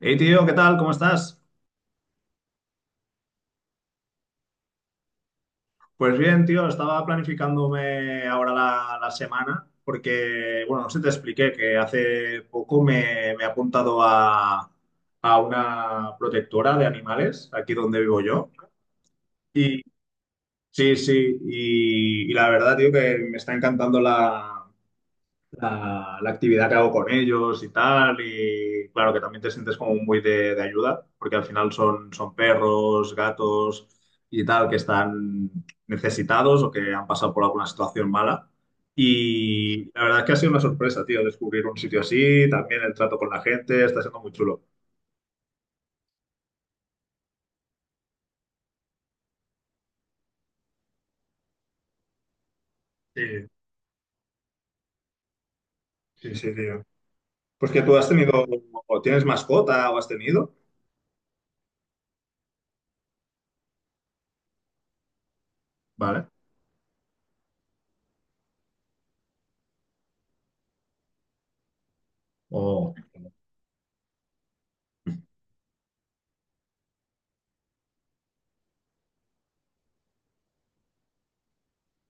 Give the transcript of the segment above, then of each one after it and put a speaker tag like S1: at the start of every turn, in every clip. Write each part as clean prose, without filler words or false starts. S1: Hey tío, ¿qué tal? ¿Cómo estás? Pues bien, tío, estaba planificándome ahora la semana porque, bueno, no sé si te expliqué que hace poco me he apuntado a una protectora de animales, aquí donde vivo yo. Y sí, sí, y la verdad, tío, que me está encantando la actividad que hago con ellos y tal. Y claro que también te sientes como muy de ayuda, porque al final son, son perros, gatos y tal que están necesitados o que han pasado por alguna situación mala. Y la verdad es que ha sido una sorpresa, tío, descubrir un sitio así, también el trato con la gente, está siendo muy chulo. Sí, sí, sí, tío. Pues que tú has tenido, o tienes mascota o has tenido, ¿vale? O...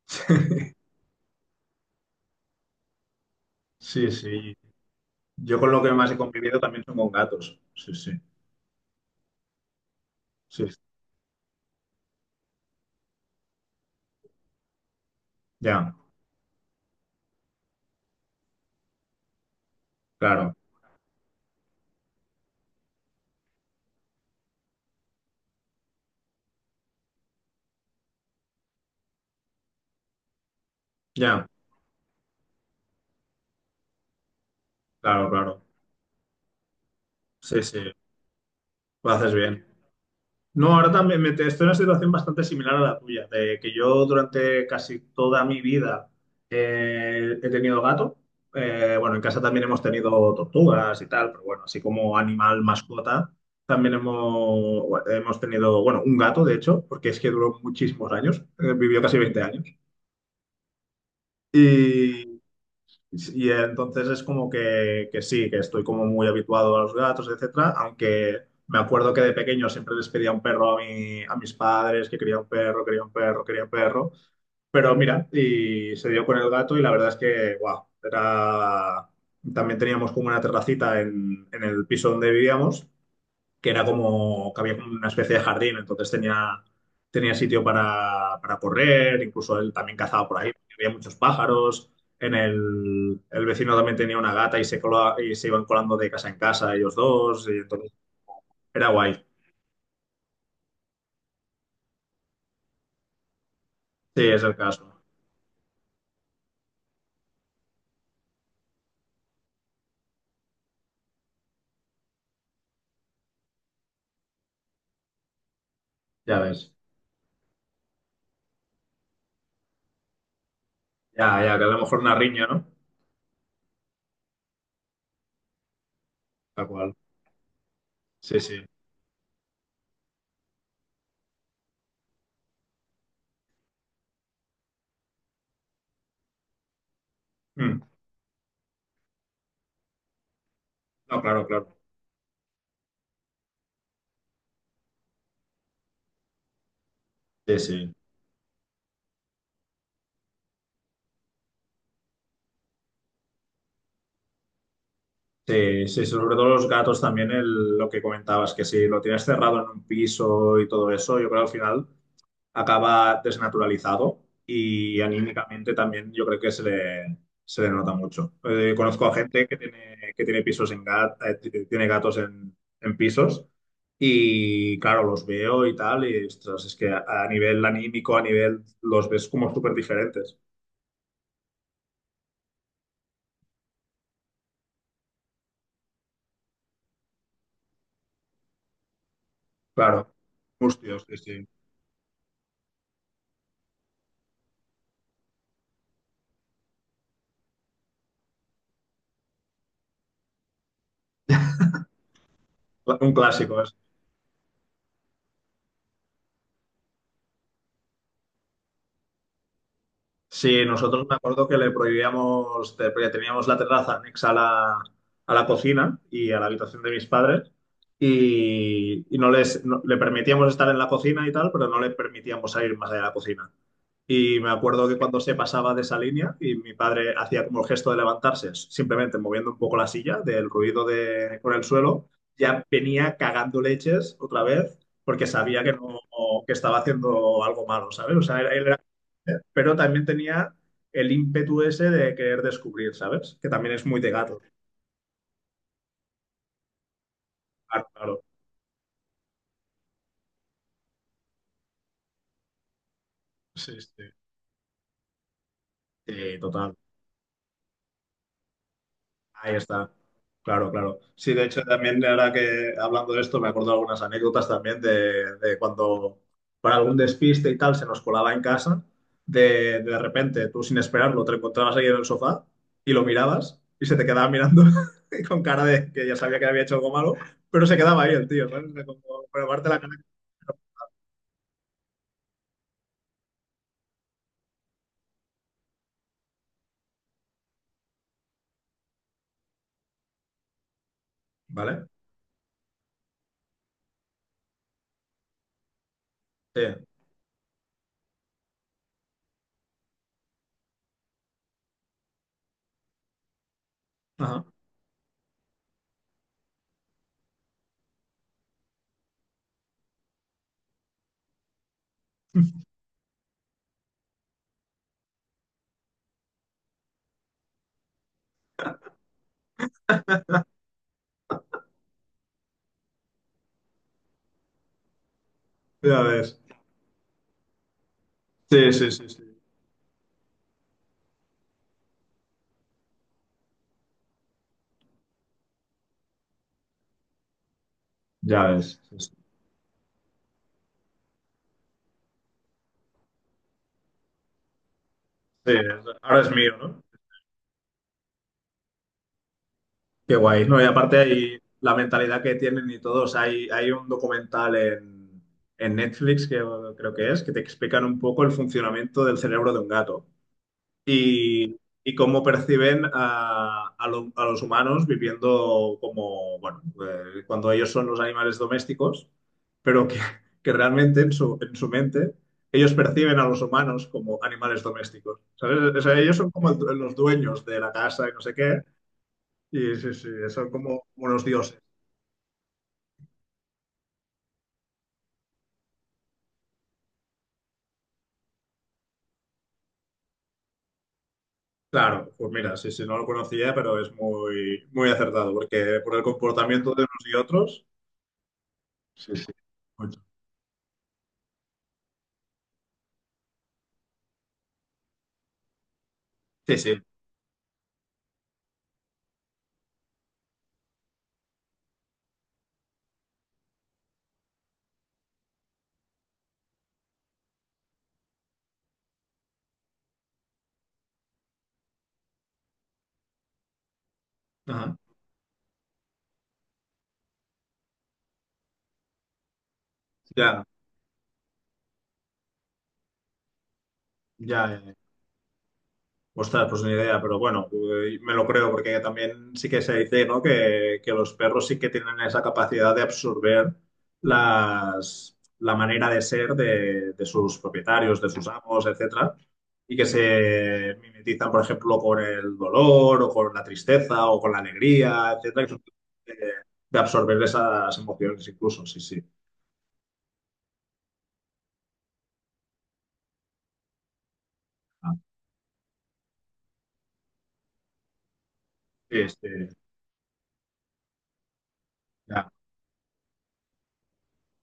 S1: Sí, sí. Yo con lo que más he convivido también son con gatos. Sí, sí. Sí, sí. Ya, claro, ya, claro, claro. Sí, sí, lo haces bien. No, ahora también estoy en una situación bastante similar a la tuya, de que yo durante casi toda mi vida he tenido gato. Bueno, en casa también hemos tenido tortugas y tal, pero bueno, así como animal mascota, también hemos tenido, bueno, un gato, de hecho, porque es que duró muchísimos años, vivió casi 20 años. Y, Y entonces es como que sí, que estoy como muy habituado a los gatos, etcétera, aunque me acuerdo que de pequeño siempre les pedía un perro a a mis padres, que quería un perro, quería un perro, quería un perro, pero mira, y se dio con el gato y la verdad es que, wow, era... También teníamos como una terracita en el piso donde vivíamos, que era como que había como una especie de jardín, entonces tenía, tenía sitio para correr, incluso él también cazaba por ahí, porque había muchos pájaros. En el vecino también tenía una gata y y se iban colando de casa en casa ellos dos, y entonces era guay. Sí, es el caso, ya ves. Ya, ya, que a lo mejor una riña, ¿no? Tal cual. Sí, sí. Mm. No, claro, claro. Sí, sí. Sí, sí, sobre todo los gatos también, lo que comentabas, que si lo tienes cerrado en un piso y todo eso, yo creo que al final acaba desnaturalizado y anímicamente también yo creo que se le nota mucho. Conozco a gente que tiene pisos en tiene gatos en pisos y claro, los veo y tal y ostras, es que a nivel anímico, a nivel, los ves como súper diferentes. Claro, hostios, sí, sí. Un clásico. Sí, nosotros me acuerdo que le prohibíamos, porque teníamos la terraza anexa a a la cocina y a la habitación de mis padres y no les no- le permitíamos estar en la cocina y tal, pero no le permitíamos salir más allá de la cocina. Y me acuerdo que cuando se pasaba de esa línea y mi padre hacía como el gesto de levantarse, simplemente moviendo un poco la silla del ruido de, con el suelo, ya venía cagando leches otra vez porque sabía que no, que estaba haciendo algo malo, ¿sabes? O sea, él pero también tenía el ímpetu ese de querer descubrir, ¿sabes? Que también es muy de gato. Claro, claro. Sí, sí. Sí, total. Ahí está. Claro, claro. Sí, de hecho, también ahora que hablando de esto, me acuerdo de algunas anécdotas también de cuando para algún despiste y tal se nos colaba en casa, de repente tú sin esperarlo te encontrabas ahí en el sofá y lo mirabas y se te quedaba mirando y con cara de que ya sabía que había hecho algo malo, pero se quedaba ahí el tío, ¿sabes? Como, pero aparte la cara, ¿vale? Sí, ajá. Ya ves. Sí, sí, sí, sí. Ya ves. Sí, sí. Sí, es- ahora es mío, ¿no? Qué guay. No, y aparte hay la mentalidad que tienen y todos. Hay un documental en Netflix, que creo que es, que te explican un poco el funcionamiento del cerebro de un gato. Y, y cómo perciben a a los humanos viviendo como, bueno, cuando ellos son los animales domésticos, pero que realmente en en su mente ellos perciben a los humanos como animales domésticos, ¿sabes? O sea, ellos son como el los dueños de la casa y no sé qué, y sí, sí, son como unos dioses. Claro, pues mira, sí, sí, no lo conocía, pero es muy, muy acertado, porque por el comportamiento de unos y otros, sí, sí, mucho. Sí, sí, ajá, ya. Ya, ya, ya. Ostras, pues ni idea, pero bueno, me lo creo porque también sí que se dice, ¿no? Que los perros sí que tienen esa capacidad de absorber la manera de ser de sus propietarios, de sus amos, etcétera, y que se mimetizan, por ejemplo, con el dolor o con la tristeza o con la alegría, etcétera, que son capaces de absorber esas emociones incluso, sí, sí. Ah, sí, este, ya.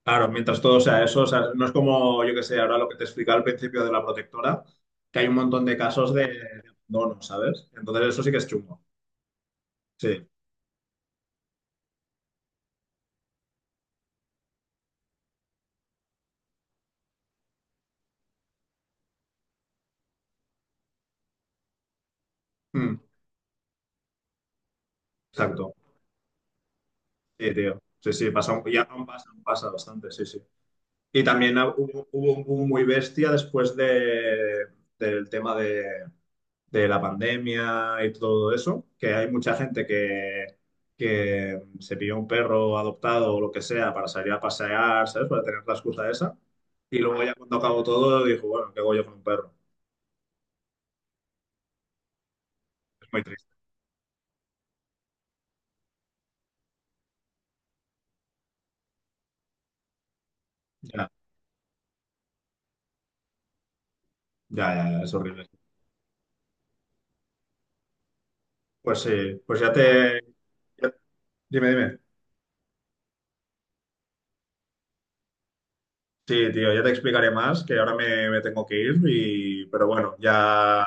S1: Claro, mientras todo sea eso, o sea, no es como, yo que sé, ahora lo que te explicaba al principio de la protectora, que hay un montón de casos de abandono, ¿sabes? Entonces eso sí que es chungo. Sí, mm, exacto. Sí, tío. Sí, sí, pasa, y aún pasa bastante, sí, sí. Y también hubo, hubo un boom muy bestia después de, del tema de la pandemia y todo eso, que hay mucha gente que se pilló un perro adoptado o lo que sea para salir a pasear, ¿sabes? Para tener la excusa esa. Y luego ya cuando acabó todo, dijo, bueno, ¿qué hago yo con un perro? Es muy triste. Ya, ya, ya, ya, es horrible. Pues sí, pues ya te... ya- Dime, dime. Sí, tío, ya te explicaré más, que ahora me, me tengo que ir, y... pero bueno, ya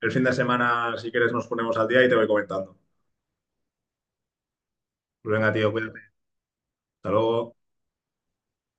S1: el fin de semana, si quieres, nos ponemos al día y te voy comentando. Pues venga, tío, cuídate. Hasta luego.